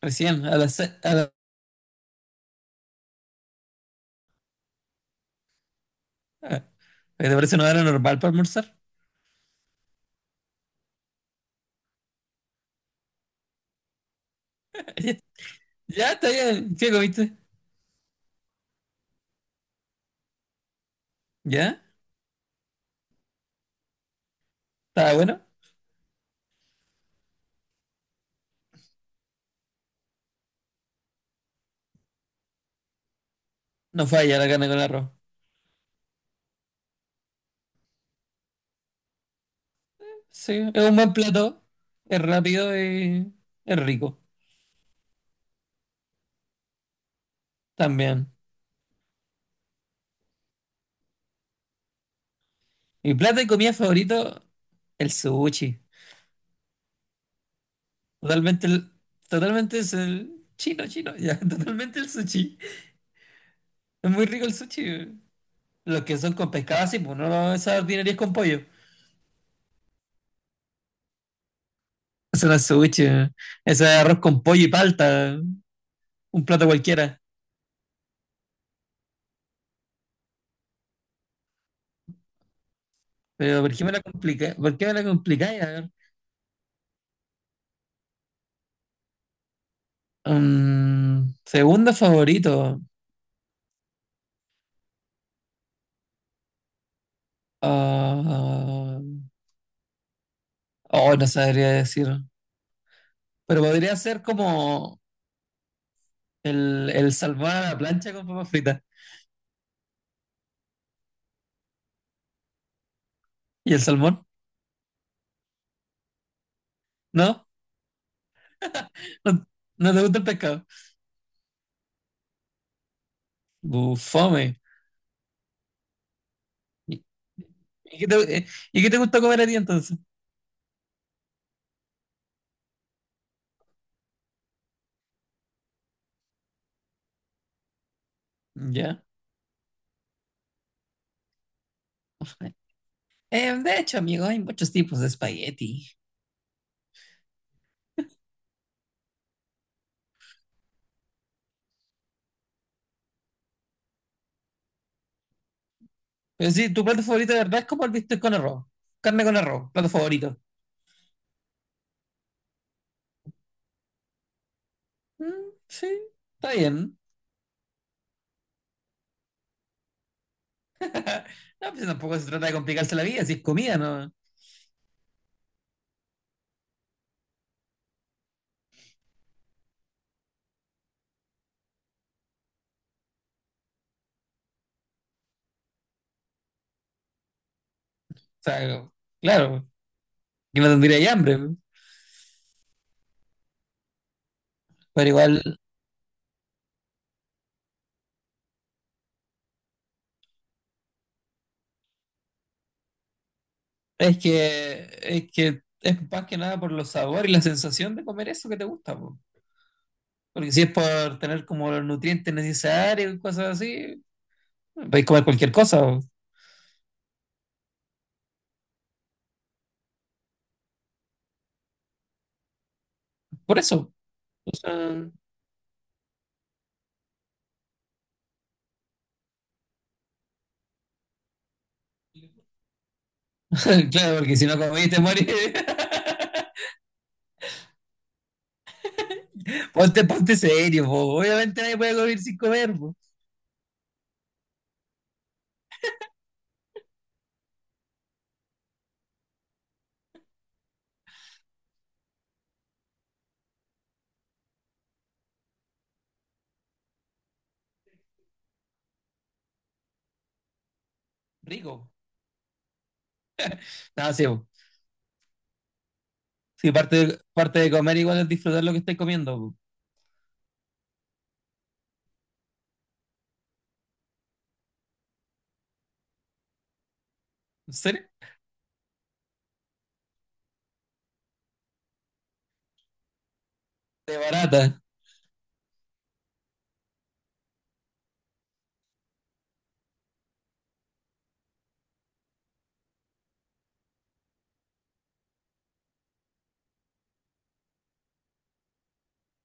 Recién, a las ah, ¿te parece una hora normal para almorzar? Ya, ya, está bien. ¿Qué comiste? ¿Ya? ¿Estaba bueno? No falla la carne con arroz. Sí, es un buen plato. Es rápido y es rico también. Mi plato y comida favorito, el sushi. Totalmente totalmente es el chino, chino. Ya, totalmente el sushi. Es muy rico el sushi. Los que son con pescado así, pues no esas dinerías con pollo. Eso no es sushi. Eso es arroz con pollo y palta. Un plato cualquiera. Pero ¿por qué me la complica? ¿Por qué me la complicáis? A ver. Mm, segundo favorito. Ah, oh, no sabría decir. Pero podría ser como el salmón a la plancha con papas fritas. ¿Y el salmón? ¿No? ¿No, no te gusta el pescado? Bufome. ¿Y, y qué te, eh, ¿Y qué te gusta comer a ti entonces? Ya. De hecho, amigo, hay muchos tipos de espagueti. Pero sí, tu plato favorito de verdad es como el bistec con arroz. Carne con arroz, plato favorito. Mm, sí, está bien. No, pues tampoco se trata de complicarse la vida, si es comida, ¿no? O sea, claro, que no tendría hambre, pero igual es que es más que nada por los sabores y la sensación de comer eso que te gusta, po. Porque si es por tener como los nutrientes necesarios y cosas así, podéis comer cualquier cosa, po. Por eso. O sea, claro, porque si no comís te morís. Ponte serio, po. Obviamente nadie puede comer sin comer, po. Rico. Nada, sí, po. Sí, parte de comer igual es disfrutar lo que estáis comiendo. Po. ¿En serio? De barata.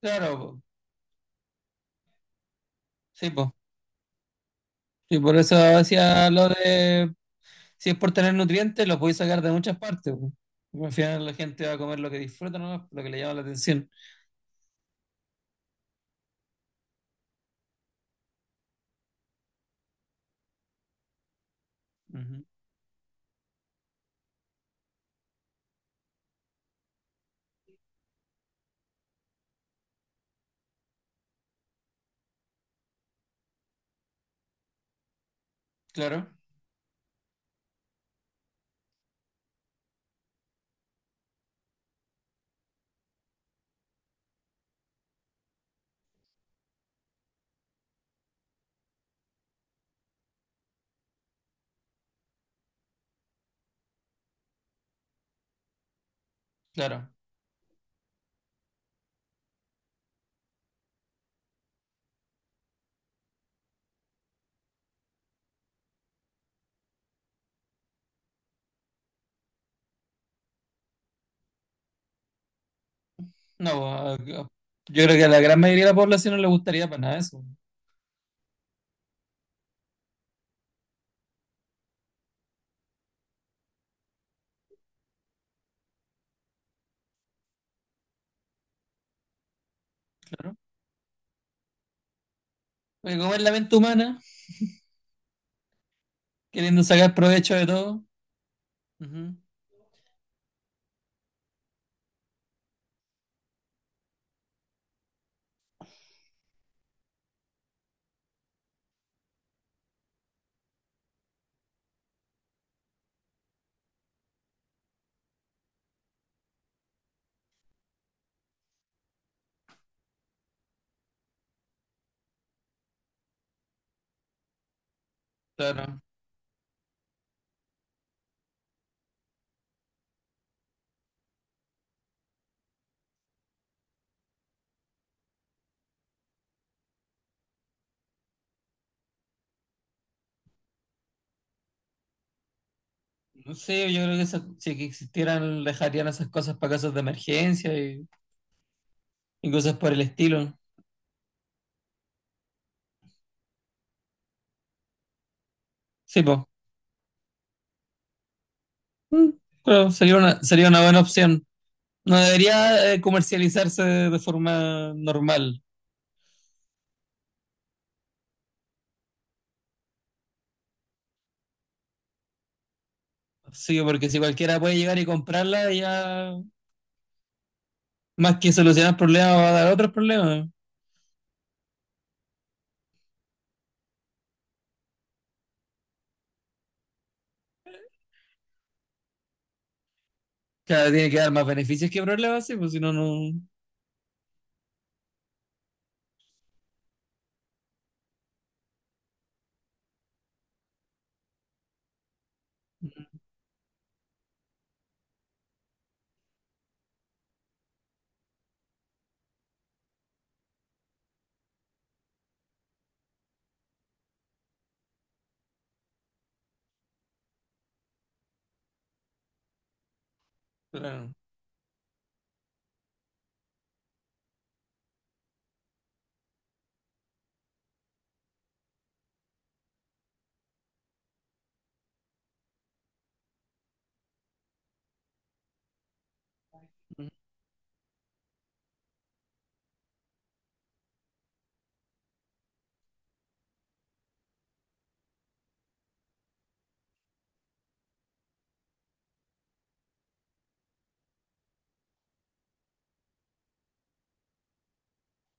Claro, po. Sí, po. Sí, por eso decía lo de si es por tener nutrientes, lo podéis sacar de muchas partes. Po. Al final la gente va a comer lo que disfruta, ¿no? Lo que le llama la atención. Ujú. Claro, claro. No, po, a- yo creo que a la gran mayoría de la población no le gustaría para nada eso. Claro. Porque comer la mente humana, queriendo sacar provecho de todo. Ujú. Claro. No sé, yo creo que esa- si que existieran, dejarían esas cosas para casos de emergencia y cosas por el estilo. Sí, pues. Pero sería sería una buena opción. No debería comercializarse de forma normal. Sí, porque si cualquiera puede llegar y comprarla, ya más que solucionar problemas va a dar otros problemas. Claro, tiene que dar más beneficios que problemas, sí, pues si no, no. Claro.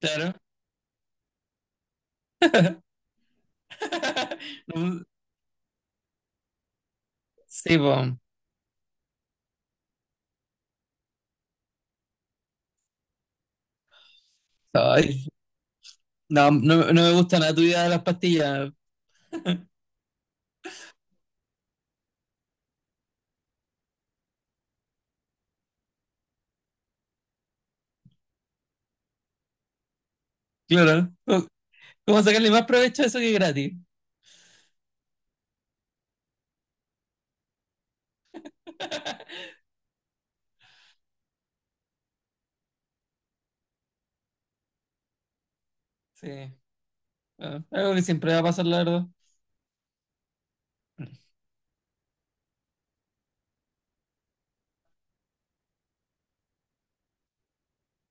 Claro. No, sí, pues. Ay, no, no, no me gusta nada tu idea de las pastillas. Claro. Cómo como sacarle más provecho a eso que es gratis. Sí. Ah, algo que siempre va a pasar, la verdad.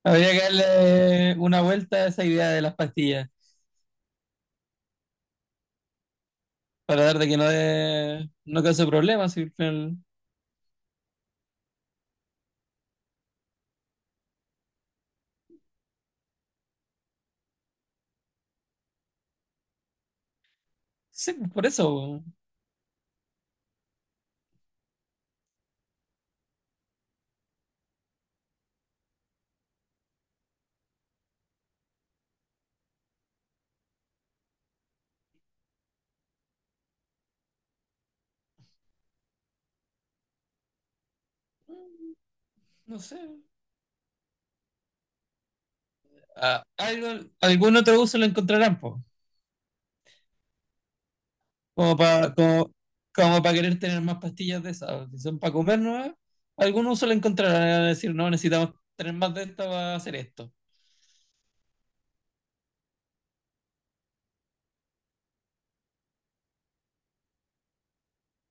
Habría que darle una vuelta a esa idea de las pastillas para dar de que no, de, no cause problemas. Y al final- sí, pues, por eso. No sé. Ah, algo- algún otro uso lo encontrarán, po. Como para como, como para querer tener más pastillas de esas. Si son para comer nuevas, algún uso lo encontrarán. Van a decir, no, necesitamos tener más de esto para hacer esto.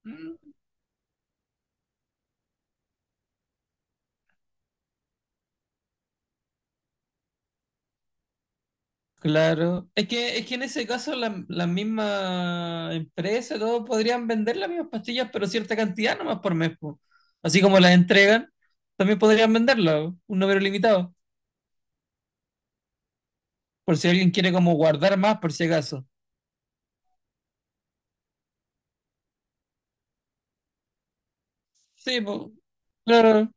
Mm. Claro. Es que en ese caso la- la misma empresa todos podrían vender las mismas pastillas, pero cierta cantidad nomás por mes, po. Así como las entregan, también podrían venderlas, un número limitado, por si alguien quiere como guardar más, por si acaso. Sí, po, claro,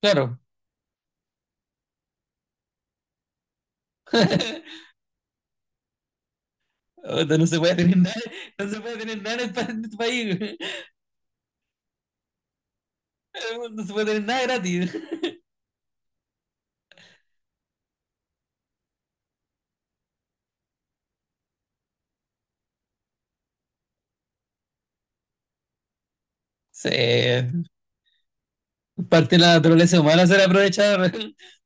claro. Puta, no se puede tener nada, no se puede tener nada en el en este país. No se puede tener nada gratis. Sí, parte de la naturaleza humana ser aprovechar.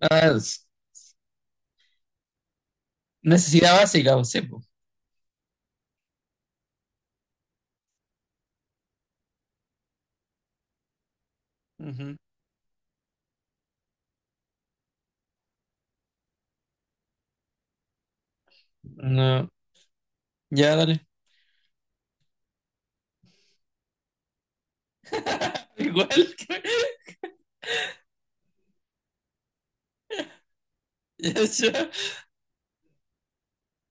Ah, es necesidad básica, po, sí, po. No, ya dale. Igual que... Ya, ya.